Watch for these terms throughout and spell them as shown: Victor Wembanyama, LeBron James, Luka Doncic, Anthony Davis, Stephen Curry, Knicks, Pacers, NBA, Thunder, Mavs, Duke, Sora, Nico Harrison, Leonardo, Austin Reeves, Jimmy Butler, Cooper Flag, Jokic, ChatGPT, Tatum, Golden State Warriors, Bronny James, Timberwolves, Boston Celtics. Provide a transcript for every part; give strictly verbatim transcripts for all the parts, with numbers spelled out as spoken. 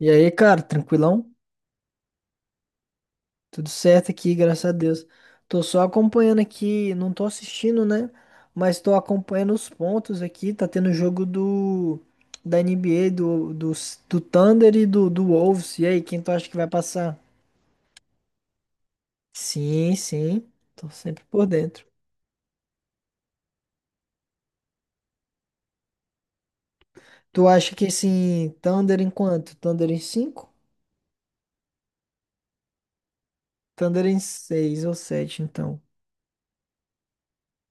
E aí, cara, tranquilão? Tudo certo aqui, graças a Deus. Tô só acompanhando aqui, não tô assistindo, né? Mas tô acompanhando os pontos aqui. Tá tendo jogo do da N B A, do, do, do Thunder e do, do Wolves. E aí, quem tu acha que vai passar? Sim, sim, tô sempre por dentro. Tu acha que assim, Thunder em quanto? Thunder em cinco? Thunder em seis ou sete? Então.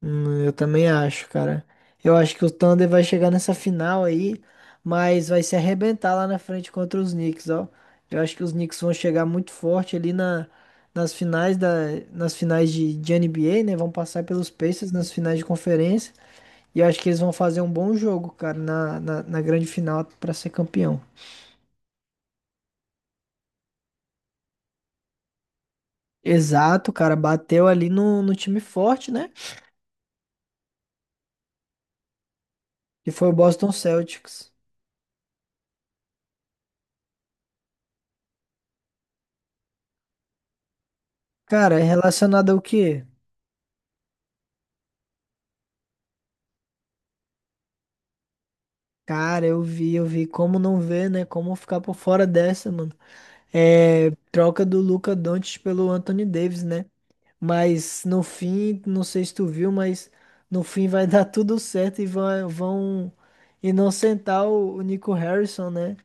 Hum, eu também acho, cara. Eu acho que o Thunder vai chegar nessa final aí, mas vai se arrebentar lá na frente contra os Knicks, ó. Eu acho que os Knicks vão chegar muito forte ali na, nas finais da, nas finais de, de N B A, né? Vão passar pelos Pacers nas finais de conferência. E eu acho que eles vão fazer um bom jogo, cara, na, na, na grande final pra ser campeão. Exato, cara. Bateu ali no, no time forte, né? Que foi o Boston Celtics. Cara, é relacionado ao quê? Cara, eu vi, eu vi como não ver, né? Como ficar por fora dessa, mano. É, troca do Luka Doncic pelo Anthony Davis, né? Mas no fim, não sei se tu viu, mas no fim vai dar tudo certo e vai- vão inocentar o, o Nico Harrison, né?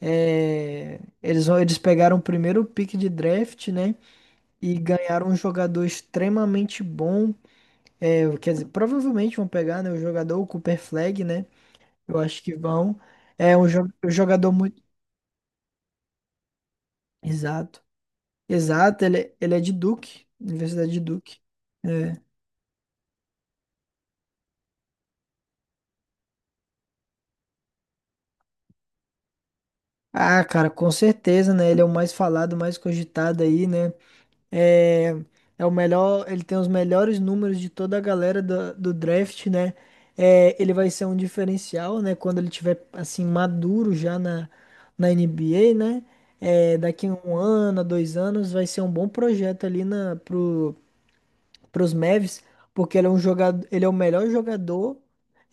É, eles, vão- eles pegaram o primeiro pick de draft, né? E ganharam um jogador extremamente bom. É, quer dizer, provavelmente vão pegar, né, o jogador, o Cooper Flag, né? Eu acho que vão. É um jo- um jogador muito. Exato. Exato, ele, ele é de Duke, Universidade de Duke. É. Ah, cara, com certeza, né? Ele é o mais falado, mais cogitado aí, né? É, é o melhor, ele tem os melhores números de toda a galera do, do draft, né? É, ele vai ser um diferencial, né? Quando ele tiver, assim, maduro já na, na N B A, né? É, daqui a um ano, a dois anos, vai ser um bom projeto ali na, para os Mavs, porque ele é um jogador, ele é o melhor jogador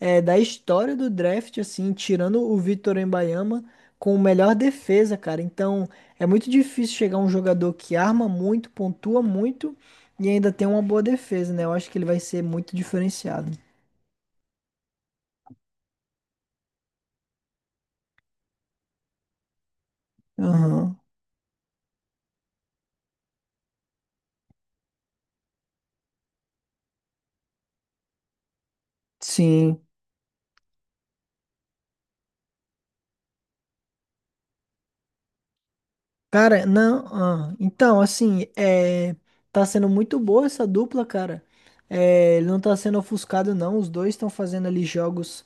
é, da história do draft, assim, tirando o Victor Wembanyama com melhor defesa, cara. Então, é muito difícil chegar um jogador que arma muito, pontua muito e ainda tem uma boa defesa, né? Eu acho que ele vai ser muito diferenciado. Aham. Sim. Cara, não. Ah, então, assim, é, tá sendo muito boa essa dupla, cara. É, ele não tá sendo ofuscado, não. Os dois estão fazendo ali jogos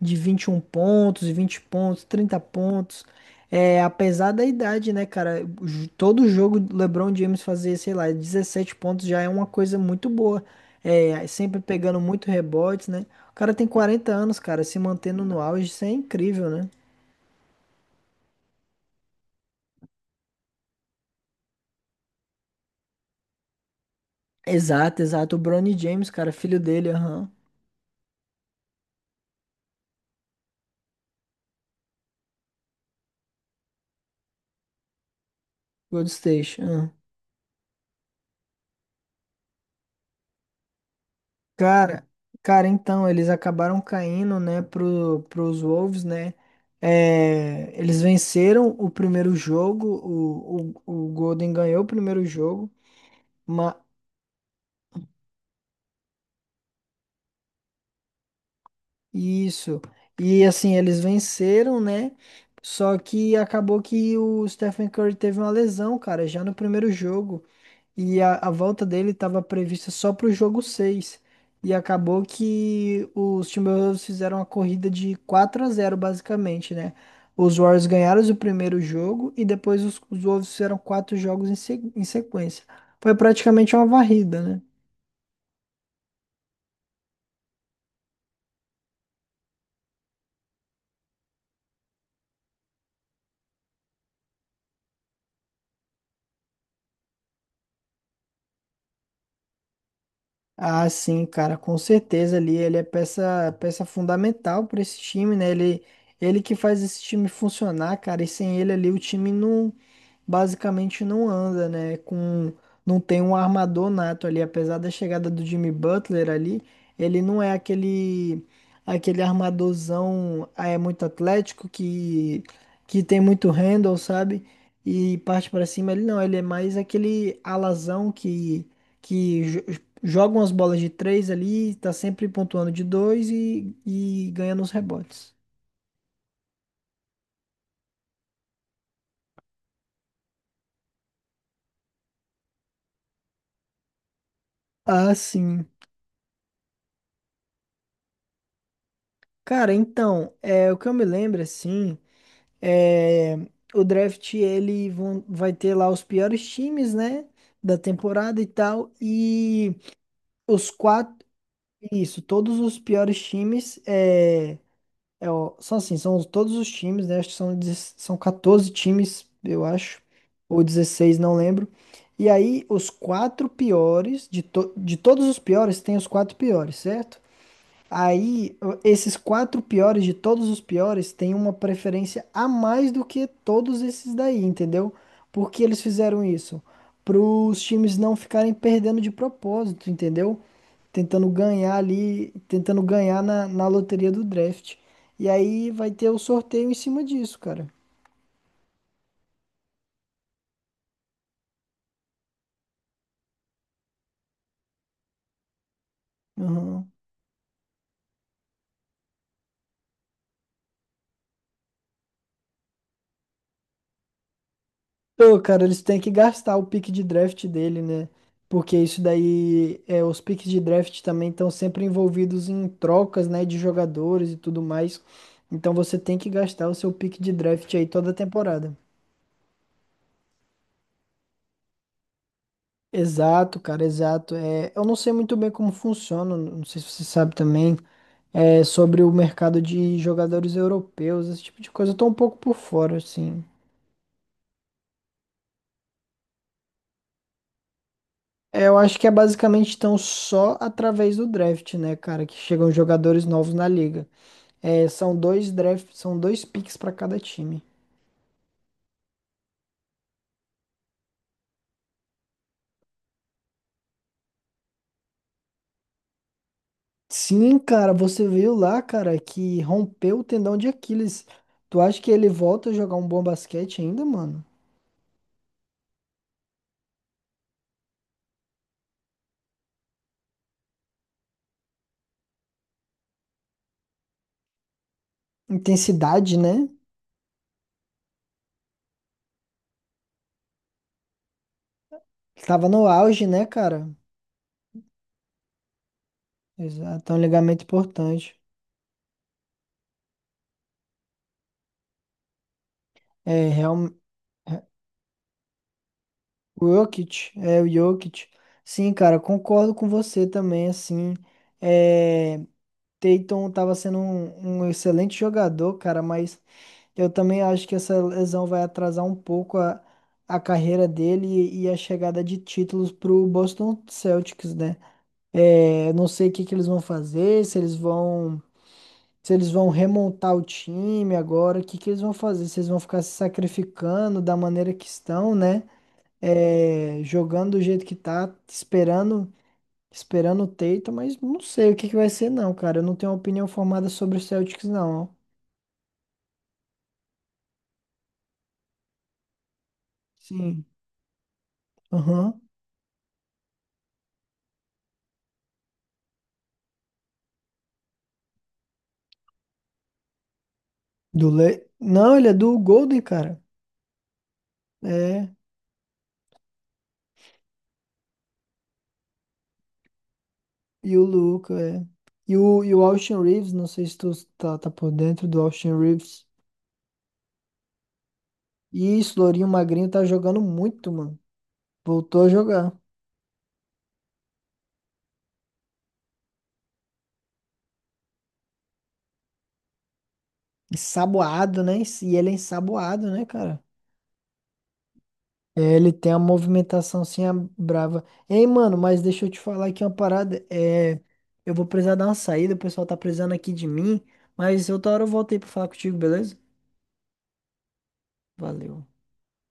de vinte e um pontos, vinte pontos, trinta pontos. É, apesar da idade, né, cara? Ju- Todo jogo do LeBron James fazer, sei lá, dezessete pontos já é uma coisa muito boa. É, sempre pegando muito rebotes, né? O cara tem quarenta anos, cara, se mantendo no auge, isso é incrível, né? Exato, exato. O Bronny James, cara, filho dele, aham. Gold State. Ah. Cara, Cara, então, eles acabaram caindo, né, pro, pros Wolves, né? É, eles venceram o primeiro jogo, o, o, o Golden ganhou o primeiro jogo, ma, isso. E assim, eles venceram, né? Só que acabou que o Stephen Curry teve uma lesão, cara, já no primeiro jogo. E a, a volta dele estava prevista só para o jogo seis. E acabou que os Timberwolves fizeram a corrida de quatro a zero basicamente, né? Os Warriors ganharam o primeiro jogo e depois os, os Wolves fizeram quatro jogos em, se- em sequência. Foi praticamente uma varrida, né? Ah, sim, cara, com certeza ali ele é peça, peça fundamental para esse time, né? Ele, ele que faz esse time funcionar, cara, e sem ele ali o time não basicamente não anda, né? Com não tem um armador nato ali, apesar da chegada do Jimmy Butler ali, ele não é aquele aquele armadorzão, ah, é muito atlético que que tem muito handle, sabe? E parte para cima, ele não, ele é mais aquele alazão que que jo- joga umas bolas de três ali, tá sempre pontuando de dois e, e ganhando os rebotes. Ah, sim. Cara, então, é, o que eu me lembro, assim, é, o draft, ele vão- vai ter lá os piores times, né, da temporada e tal, e os quatro, isso, todos os piores times, é, é, ó, são assim, são os- todos os times, né? Acho que são, dez- são quatorze times, eu acho, ou dezesseis, não lembro. E aí, os quatro piores, de, to, de todos os piores, tem os quatro piores, certo? Aí, o- esses quatro piores de todos os piores têm uma preferência a mais do que todos esses daí, entendeu? Por que eles fizeram isso? Para os times não ficarem perdendo de propósito, entendeu? Tentando ganhar ali, tentando ganhar na, na loteria do draft. E aí vai ter o sorteio em cima disso, cara. Uhum. Pô, cara, eles têm que gastar o pique de draft dele, né? Porque isso daí, é, os piques de draft também estão sempre envolvidos em trocas, né, de jogadores e tudo mais. Então você tem que gastar o seu pique de draft aí toda temporada. Exato, cara, exato. É, eu não sei muito bem como funciona, não sei se você sabe também, é, sobre o mercado de jogadores europeus, esse tipo de coisa. Eu tô um pouco por fora, assim. É, eu acho que é basicamente tão só através do draft, né, cara, que chegam jogadores novos na liga. É, são dois drafts, são dois picks para cada time. Sim, cara, você viu lá, cara, que rompeu o tendão de Aquiles. Tu acha que ele volta a jogar um bom basquete ainda, mano? Intensidade, né? Tava no auge, né, cara? Exato, é um ligamento importante. É, real... é, o Jokic, é o Jokic. Sim, cara, concordo com você também, assim. É, Tatum tava sendo um, um excelente jogador, cara, mas eu também acho que essa lesão vai atrasar um pouco a, a carreira dele e, e a chegada de títulos para o Boston Celtics, né? É, eu não sei o que que eles vão fazer, se eles vão, se eles vão remontar o time agora, o que que eles vão fazer? Se eles vão ficar se sacrificando da maneira que estão, né? É, jogando do jeito que tá, esperando, esperando o Tatum, mas não sei o que que vai ser, não, cara. Eu não tenho uma opinião formada sobre o Celtics, não. Sim. Aham. Do Le... Não, ele é do Golden, cara. É. E o Luca, é. E o, e o Austin Reeves, não sei se tu tá, tá por dentro do Austin Reeves. E isso, Lourinho Magrinho tá jogando muito, mano. Voltou a jogar. Ensaboado, né? E ele é ensaboado, né, cara? É, ele tem a movimentação assim, a brava. Ei, mano, mas deixa eu te falar aqui uma parada. É, eu vou precisar dar uma saída, o pessoal tá precisando aqui de mim. Mas outra hora eu volto aí pra falar contigo, beleza? Valeu.